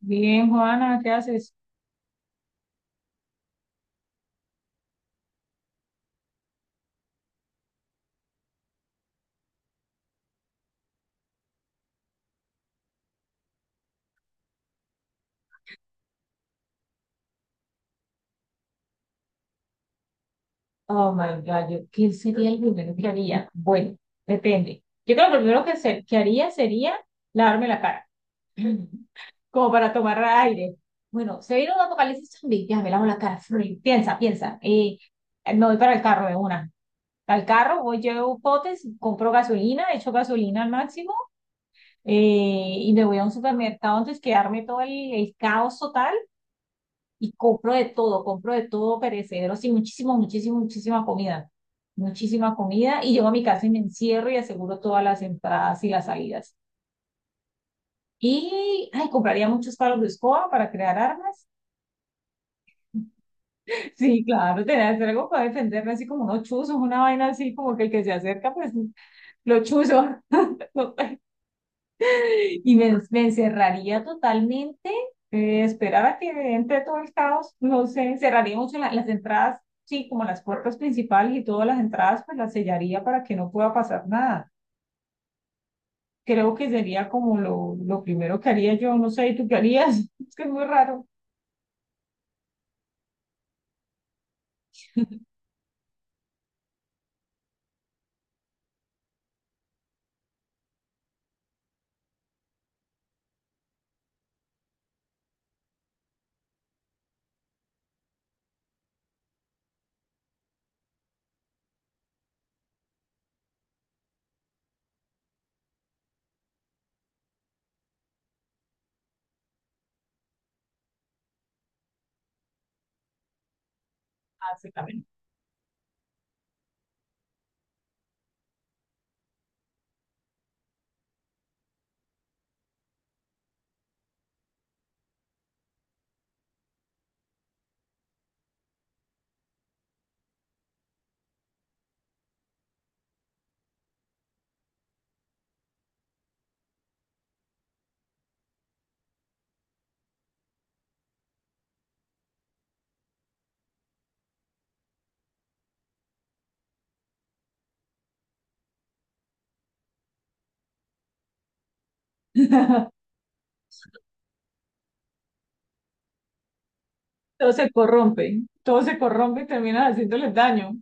Bien, Juana, ¿qué haces? Oh my God, yo, ¿qué sería el primero que haría? Bueno, depende. Yo creo que lo primero que haría sería lavarme la cara, como para tomar aire. Bueno, se viene un apocalipsis zombie, ya me lavo la cara. Piensa, piensa. Me voy para el carro de una. Al carro voy, llevo potes, compro gasolina, echo gasolina al máximo eh, y me voy a un supermercado antes de quedarme todo el caos total y compro de todo perecedero, sí, muchísimo, muchísimo, muchísima comida, y llego a mi casa y me encierro y aseguro todas las entradas y las salidas. Y, ay, compraría muchos palos de escoba para crear armas. Sí, claro, tener que hacer algo para defenderme, así como unos chuzos, una vaina así, como que el que se acerca, pues lo chuzo. Y me encerraría totalmente, esperar a que entre todo el caos, no sé, cerraría mucho las entradas, sí, como las puertas principales y todas las entradas, pues las sellaría para que no pueda pasar nada. Creo que sería como lo primero que haría yo, no sé, ¿y tú qué harías? Es que es muy raro. Ah, sí, también. Todo se corrompe y terminan haciéndoles daño,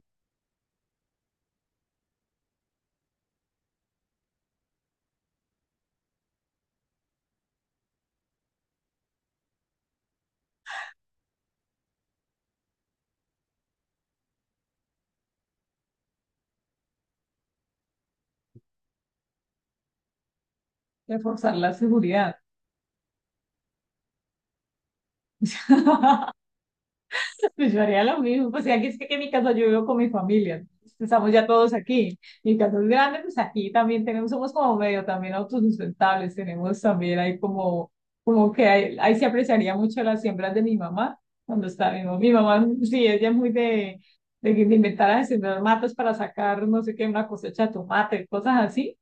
reforzar la seguridad. Pues yo haría lo mismo, o sea, que es que en mi casa yo vivo con mi familia, pues, estamos ya todos aquí, mi casa es grande, pues aquí también tenemos, somos como medio también autosustentables, tenemos también ahí como, como que ahí, ahí se apreciaría mucho las siembras de mi mamá, cuando está mi mamá, sí, ella es muy de, de inventar de sembrar matas para sacar, no sé qué, una cosecha de tomate, cosas así,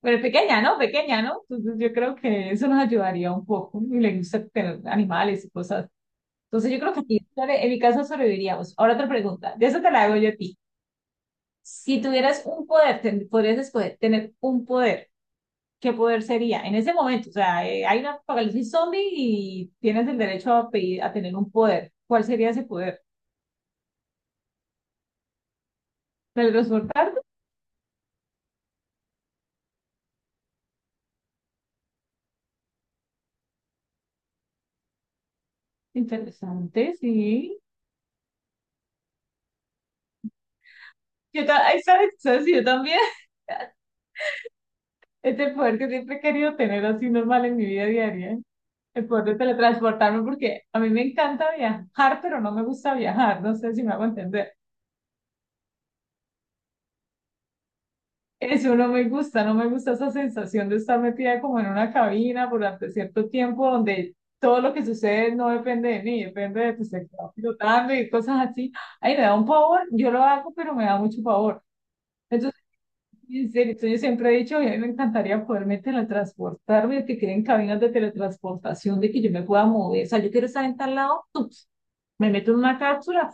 pero pequeña, ¿no? Pequeña, ¿no? Entonces yo creo que eso nos ayudaría un poco, y le gusta tener animales y cosas entonces yo creo que aquí, en mi caso sobreviviríamos. Ahora otra pregunta, de eso te la hago yo a ti. Si tuvieras un poder, podrías escoger tener un poder, ¿qué poder sería? En ese momento, o sea, hay una apocalipsis zombie y tienes el derecho a pedir, a tener un poder. ¿Cuál sería ese poder? ¿Teletransportarte? Interesante, sí. Ay, ¿sabes? ¿Sabes? Yo también. Es el poder que siempre he querido tener así normal en mi vida diaria. El poder de teletransportarme porque a mí me encanta viajar, pero no me gusta viajar, no sé si me hago entender. Eso no me gusta, no me gusta esa sensación de estar metida como en una cabina durante cierto tiempo donde todo lo que sucede no depende de mí, depende de pues, el que va pilotando y cosas así. Ahí me da un pavor, yo lo hago, pero me da mucho pavor. Entonces, en serio, entonces yo siempre he dicho, "Oye, a mí me encantaría poderme teletransportarme, que queden cabinas de teletransportación, de que yo me pueda mover. O sea, yo quiero estar en tal lado, ¡tups! Me meto en una cápsula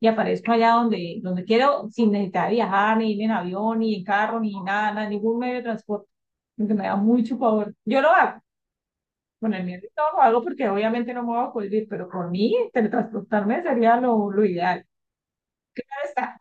y aparezco allá donde, donde quiero sin necesitar viajar, ni ir en avión, ni en carro, ni nada, nada, ningún medio de transporte, porque me da mucho pavor. Yo lo hago, con el miedo y todo lo hago porque obviamente no me voy a cohibir, pero con mí teletransportarme sería lo ideal. Claro está,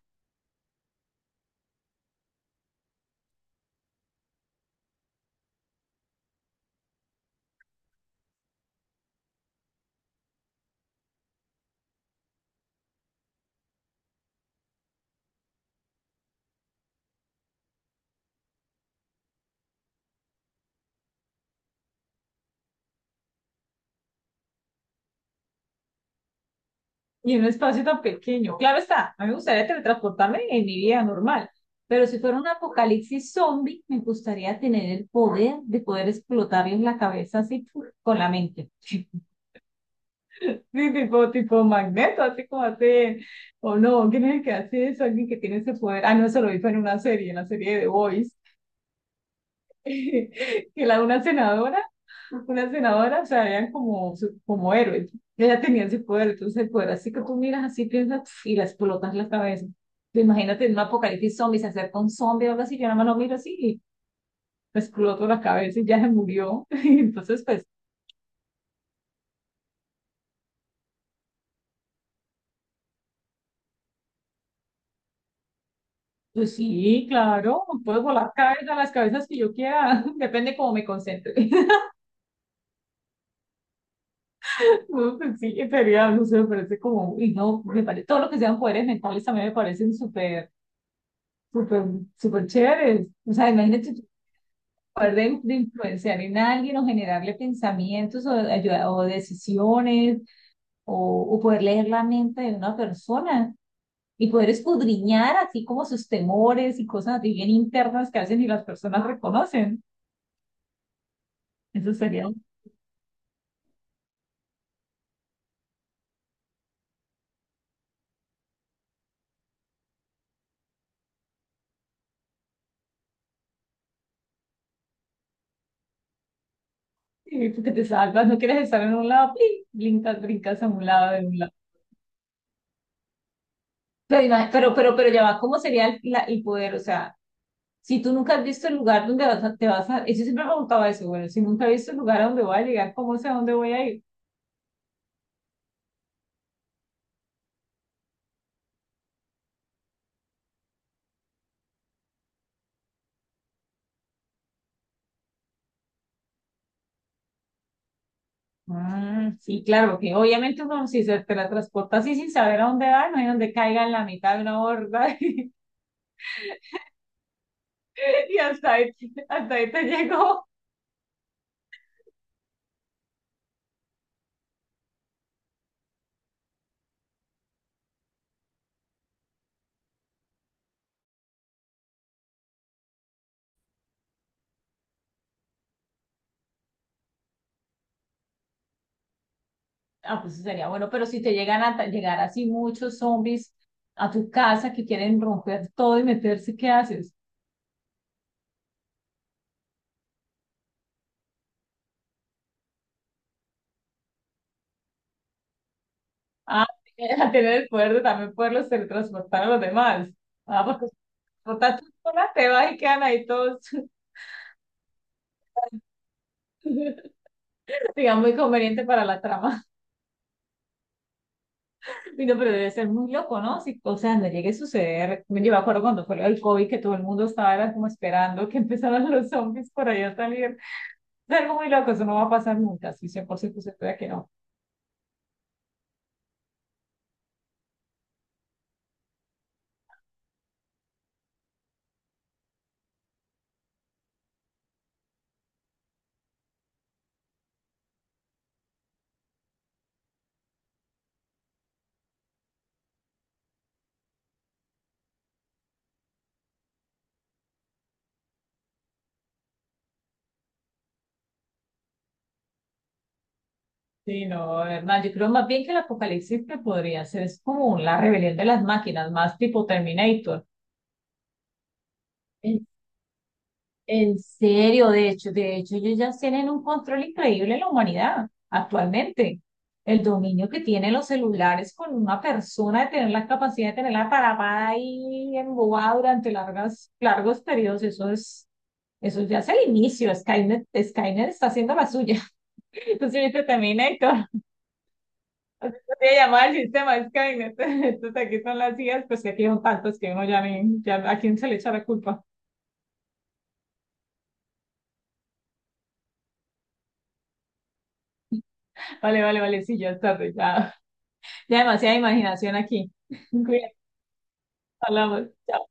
y en un espacio tan pequeño. Claro está, a mí me gustaría teletransportarme en mi vida normal. Pero si fuera un apocalipsis zombie, me gustaría tener el poder de poder explotarles la cabeza así ¡puf! Con la mente. Sí, tipo Magneto, así como hace, o no, ¿quién es el que hace eso? Alguien que tiene ese poder. Ah, no, eso lo hizo en una serie, en la serie de The Voice, que la, una senadora, una senadora, o sea, eran como, como héroes. Ella tenía ese poder, entonces el poder, así que tú miras así, piensas pf, y la explotas la cabeza. Te imagínate en un apocalipsis zombie, se acerca un zombie o algo así, yo nada más lo miro así y le exploto la cabeza y ya se murió. Entonces, pues, pues sí, claro, puedo volar cabezas, las cabezas que yo quiera, depende cómo me concentre. No, pues sí, sería, no sé, me parece como, y no, me parece, todo lo que sean poderes mentales también me parecen súper, súper, súper chéveres. O sea, imagínate tu poder de influenciar en alguien o generarle pensamientos o, o decisiones o, o poder leer la mente de una persona y poder escudriñar así como sus temores y cosas así bien internas que hacen y las personas reconocen. Eso sería sí, porque te salvas, no quieres estar en un lado, ¡plin! Brincas, brincas a un lado, de un lado. Pero ya va, ¿cómo sería el poder? O sea, si tú nunca has visto el lugar donde te vas a... Yo siempre me preguntaba eso, bueno, si nunca he visto el lugar a donde voy a llegar, ¿cómo sé a dónde voy a ir? Mm, sí, claro, que obviamente uno si se teletransporta así sin saber a dónde va, no hay donde caiga en la mitad de una borda. Y hasta ahí te llegó. Ah, pues sería bueno, pero si te llegan a llegar así muchos zombies a tu casa que quieren romper todo y meterse, ¿qué haces? Ah, a tener el poder de también poderlos teletransportar a los demás. Ah, porque si transportas tú sola, te vas y quedan ahí todos, digamos, muy conveniente para la trama. Y no, pero debe ser muy loco, ¿no? Si, o sea, no llegue a suceder. Yo me acuerdo cuando fue el COVID que todo el mundo estaba era como esperando que empezaran los zombies por allá a salir. Es algo muy loco, eso no va a pasar nunca, sí, 100% se puede que no. Sí, no, Hernán, yo creo más bien que el apocalipsis que podría ser es como la rebelión de las máquinas, más tipo Terminator. En, en serio, de hecho, ellos ya tienen un control increíble en la humanidad actualmente. El dominio que tienen los celulares con una persona de tener la capacidad de tenerla parada ahí embobada durante largos periodos, eso es, eso ya es el inicio. Skynet, Skynet está haciendo la suya. Entonces, viste, Terminator. Voy a llamar al sistema Skynet. Entonces aquí son las sillas, pues que aquí son tantos que uno ya ni, ya a quién se le echa la culpa. Vale, vale, vale, sí, ya está, ya, ya demasiada imaginación aquí. Cuídate, hablamos. Chao.